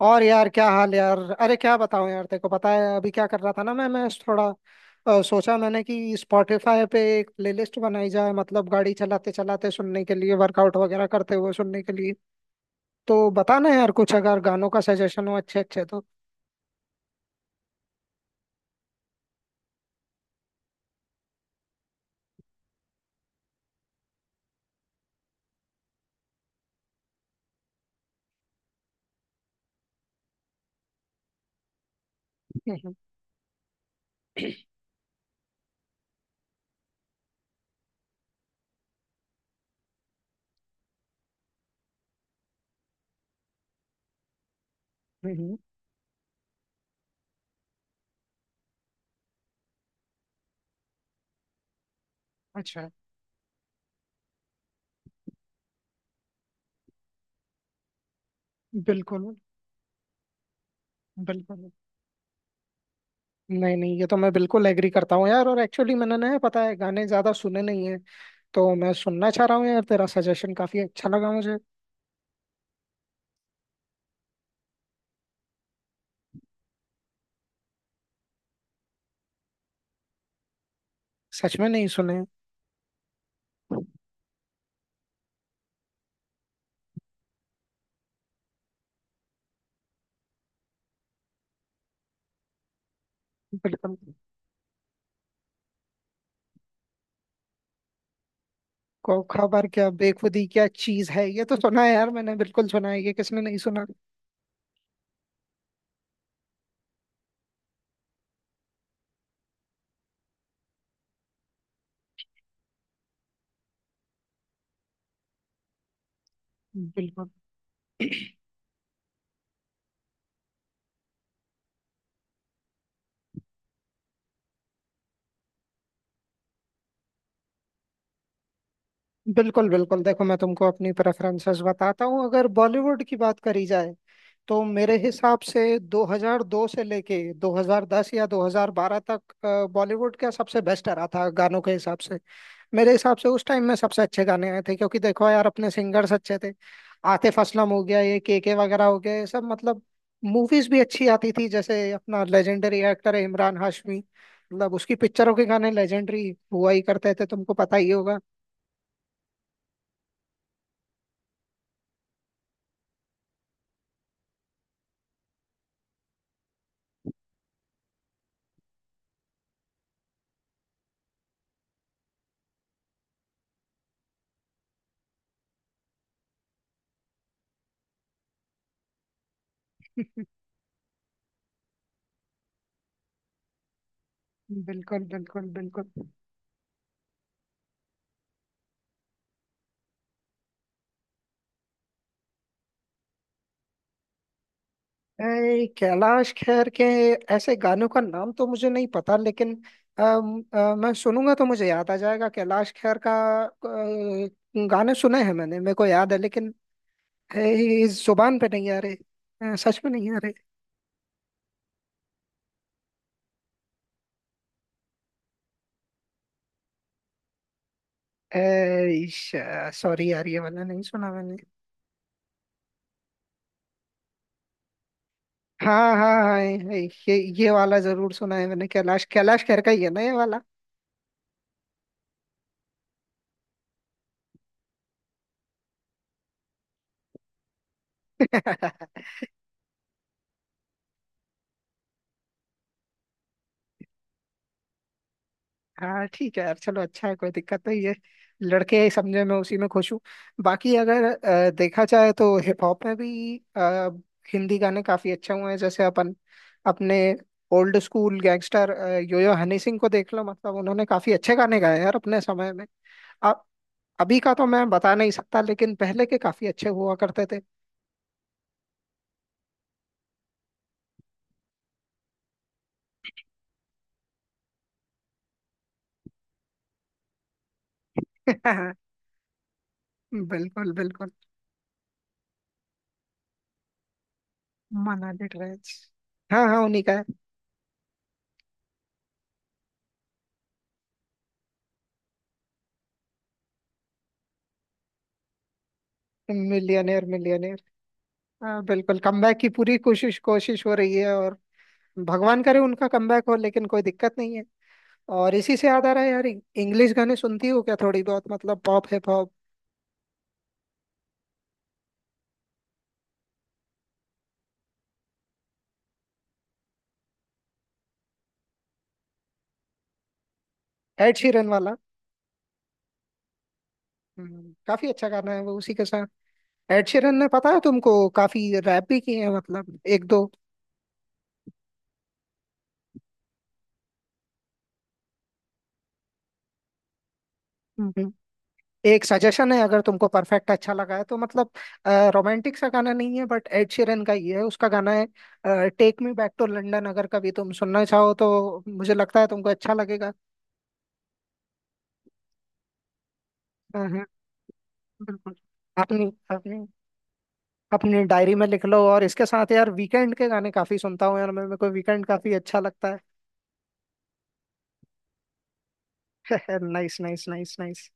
और यार, क्या हाल यार। अरे क्या बताऊं यार, तेरे को पता है अभी क्या कर रहा था ना, मैं थोड़ा सोचा मैंने कि स्पॉटिफाई पे एक प्लेलिस्ट बनाई जाए, मतलब गाड़ी चलाते चलाते सुनने के लिए, वर्कआउट वगैरह करते हुए सुनने के लिए। तो बताना यार, कुछ अगर गानों का सजेशन हो अच्छे अच्छे तो। हम्म। हम्म, अच्छा। बिल्कुल। बिल्कुल। नहीं नहीं, ये तो मैं बिल्कुल एग्री करता हूँ यार, और एक्चुअली मैंने ना पता है गाने ज्यादा सुने नहीं है। तो मैं सुनना चाह रहा हूँ यार, तेरा सजेशन काफी अच्छा लगा मुझे। सच में नहीं सुने। बिल्कुल। को खबर क्या, बेखुदी क्या चीज है, ये तो सुना है यार मैंने, बिल्कुल सुना है, ये किसने नहीं सुना। बिल्कुल बिल्कुल बिल्कुल, देखो मैं तुमको अपनी प्रेफरेंसेस बताता हूँ। अगर बॉलीवुड की बात करी जाए तो मेरे हिसाब से 2002 से लेके 2010 या 2012 तक बॉलीवुड का सबसे बेस्ट आ रहा था गानों के हिसाब से। मेरे हिसाब से उस टाइम में सबसे अच्छे गाने आए थे, क्योंकि देखो यार अपने सिंगर्स अच्छे थे। आतिफ असलम हो गया, ये के वगैरह हो गया, ये सब मतलब मूवीज भी अच्छी आती थी। जैसे अपना लेजेंडरी एक्टर है इमरान हाशमी, मतलब उसकी पिक्चरों के गाने लेजेंडरी हुआ ही करते थे, तुमको पता ही होगा। बिल्कुल बिल्कुल बिल्कुल। कैलाश खेर के ऐसे गानों का नाम तो मुझे नहीं पता, लेकिन मैं सुनूंगा तो मुझे याद आ जाएगा कैलाश खेर का। अ, गाने सुने हैं मैंने, मेरे को याद है, लेकिन इस जुबान पे नहीं आ रहे। सच में नहीं आ रहे। सॉरी यार, ये वाला नहीं सुना मैंने। हाँ हाँ हाँ, ये ये वाला जरूर सुना है मैंने, कैलाश कैलाश खेर का ही है ना ये वाला। हाँ ठीक है यार, चलो अच्छा है, कोई दिक्कत नहीं है। लड़के हैं, समझे, मैं उसी में खुश हूँ। बाकी अगर देखा जाए तो हिप हॉप में भी हिंदी गाने काफी अच्छे हुए हैं। जैसे अपने old school gangster yo yo Honey Singh को देख लो, मतलब उन्होंने काफी अच्छे गाने गाए यार अपने समय में। अब अभी का तो मैं बता नहीं सकता लेकिन पहले के काफी अच्छे हुआ करते थे। बिल्कुल बिल्कुल। मनाली ट्रेंड्स। हाँ हाँ, उन्हीं का है। Millionaire millionaire. हाँ बिल्कुल, कमबैक की पूरी कोशिश कोशिश हो रही है। और भगवान करे उनका कमबैक हो, लेकिन कोई दिक्कत नहीं है। और इसी से याद आ रहा है यार, इंग्लिश गाने सुनती हो क्या, थोड़ी बहुत, मतलब pop hip hop. Ed Sheeran वाला। काफी अच्छा गाना है वो। उसी के साथ एड शीरन ने, पता है तुमको, काफी रैप भी किए हैं, मतलब एक दो। हम्म, एक सजेशन है, अगर तुमको परफेक्ट अच्छा लगा है तो मतलब रोमांटिक सा गाना नहीं है, बट एड शीरन का ही है, उसका गाना है take me back to London, अगर कभी तुम सुनना चाहो तो मुझे लगता है तुमको अच्छा लगेगा। बिल्कुल। आपने आपने अपनी डायरी में लिख लो। और इसके साथ यार वीकेंड के गाने काफी सुनता हूँ यार, मेरे मेरे को वीकेंड काफी अच्छा लगता है। Nice nice nice nice.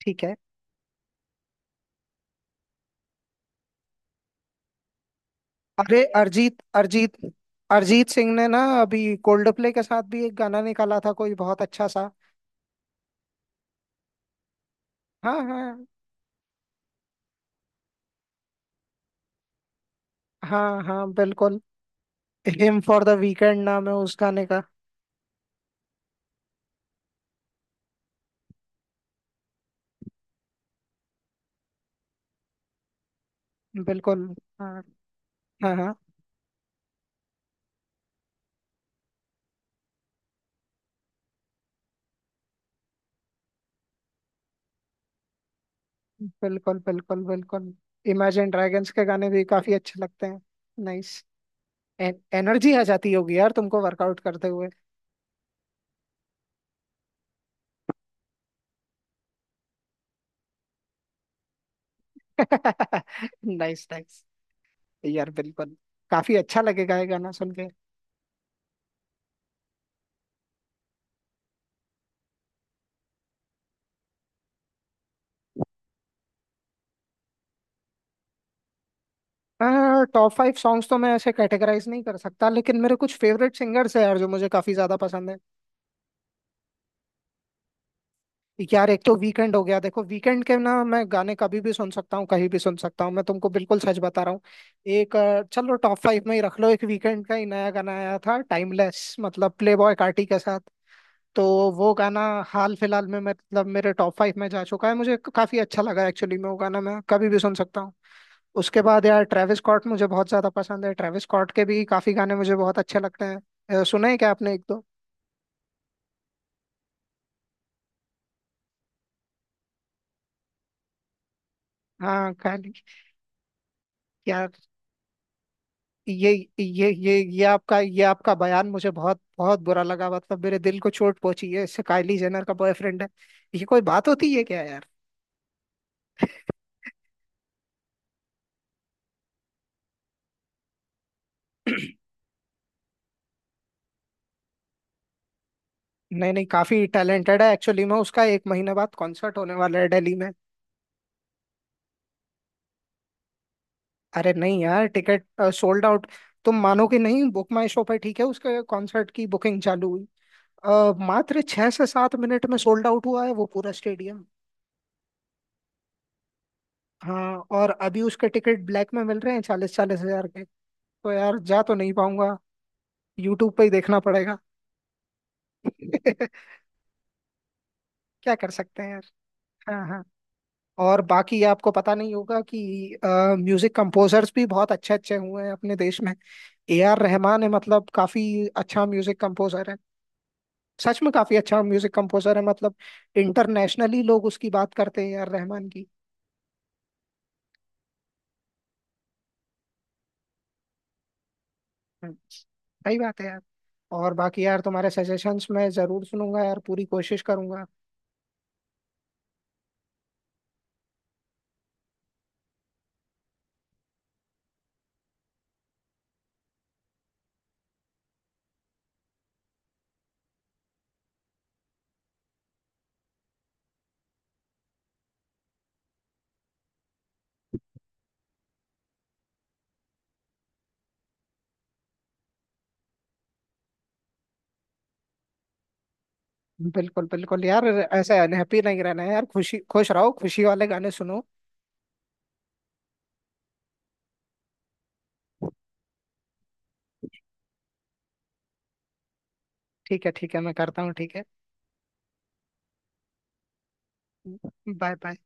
ठीक है। अरे अरिजीत अरिजीत। अरिजीत सिंह ने ना अभी कोल्ड प्ले के साथ भी एक गाना निकाला था कोई, बहुत अच्छा सा। हाँ हाँ। हाँ, हाँ बिल्कुल। हिम फॉर द वीकेंड नाम है उस गाने का। बिल्कुल। हाँ हाँ हाँ। बिल्कुल बिल्कुल बिल्कुल। इमेजिन ड्रैगन्स के गाने भी काफी अच्छे लगते हैं। नाइस। एनर्जी आ जाती होगी यार तुमको वर्कआउट करते हुए। Nice nice. यार बिल्कुल, काफी अच्छा लगेगा ये गाना सुन के। टॉप फाइव सॉन्ग्स तो मैं ऐसे कैटेगराइज नहीं कर सकता, लेकिन मेरे कुछ फेवरेट सिंगर्स हैं यार जो मुझे काफी ज्यादा पसंद है। यार एक तो वीकेंड हो गया, देखो वीकेंड के ना मैं गाने कभी भी सुन सकता हूँ, कहीं भी सुन सकता हूँ, मैं तुमको बिल्कुल सच बता रहा हूँ। एक चलो टॉप फाइव में ही रख लो, एक वीकेंड का ही नया गाना आया था टाइमलेस, मतलब प्ले बॉय कार्टी के साथ। तो वो गाना हाल फिलहाल में मतलब मेरे टॉप फाइव में जा चुका है, मुझे काफी अच्छा लगा एक्चुअली में, वो गाना मैं कभी भी सुन सकता हूँ। उसके बाद यार ट्रेविस स्कॉट मुझे बहुत ज्यादा पसंद है, ट्रेविस स्कॉट के भी काफी गाने मुझे बहुत अच्छे लगते हैं। सुने हैं क्या आपने, एक दो। हाँ खाली। यार ये ये आपका बयान मुझे बहुत बहुत बुरा लगा, मतलब मेरे दिल को चोट पहुंची है इससे, काइली जेनर का बॉयफ्रेंड है, ये कोई बात होती है क्या यार। नहीं नहीं, काफी टैलेंटेड है एक्चुअली में, उसका एक महीने बाद कॉन्सर्ट होने वाला है दिल्ली में। अरे नहीं यार, टिकट सोल्ड आउट। तुम मानोगे नहीं, बुक माई शो पर ठीक है उसके कॉन्सर्ट की बुकिंग चालू हुई, मात्र 6 से 7 मिनट में सोल्ड आउट हुआ है वो पूरा स्टेडियम। हाँ, और अभी उसके टिकट ब्लैक में मिल रहे हैं 40-40 हजार के। तो यार जा तो नहीं पाऊंगा, यूट्यूब पे ही देखना पड़ेगा। क्या कर सकते हैं यार। हाँ हाँ। और बाकी आपको पता नहीं होगा कि म्यूजिक कंपोजर्स भी बहुत अच्छे अच्छे हुए हैं अपने देश में। ए आर रहमान है, मतलब काफी अच्छा म्यूजिक कंपोजर, सच में काफी अच्छा म्यूजिक कंपोजर है, मतलब इंटरनेशनली लोग उसकी बात करते हैं यार, रहमान की। सही बात है यार। और बाकी यार तुम्हारे सजेशंस मैं जरूर सुनूंगा यार, पूरी कोशिश करूंगा। बिल्कुल बिल्कुल यार, ऐसे अनहैप्पी नहीं रहना है यार, खुशी खुश रहो, खुशी वाले गाने सुनो। ठीक है ठीक है, मैं करता हूँ, ठीक है। Bye bye.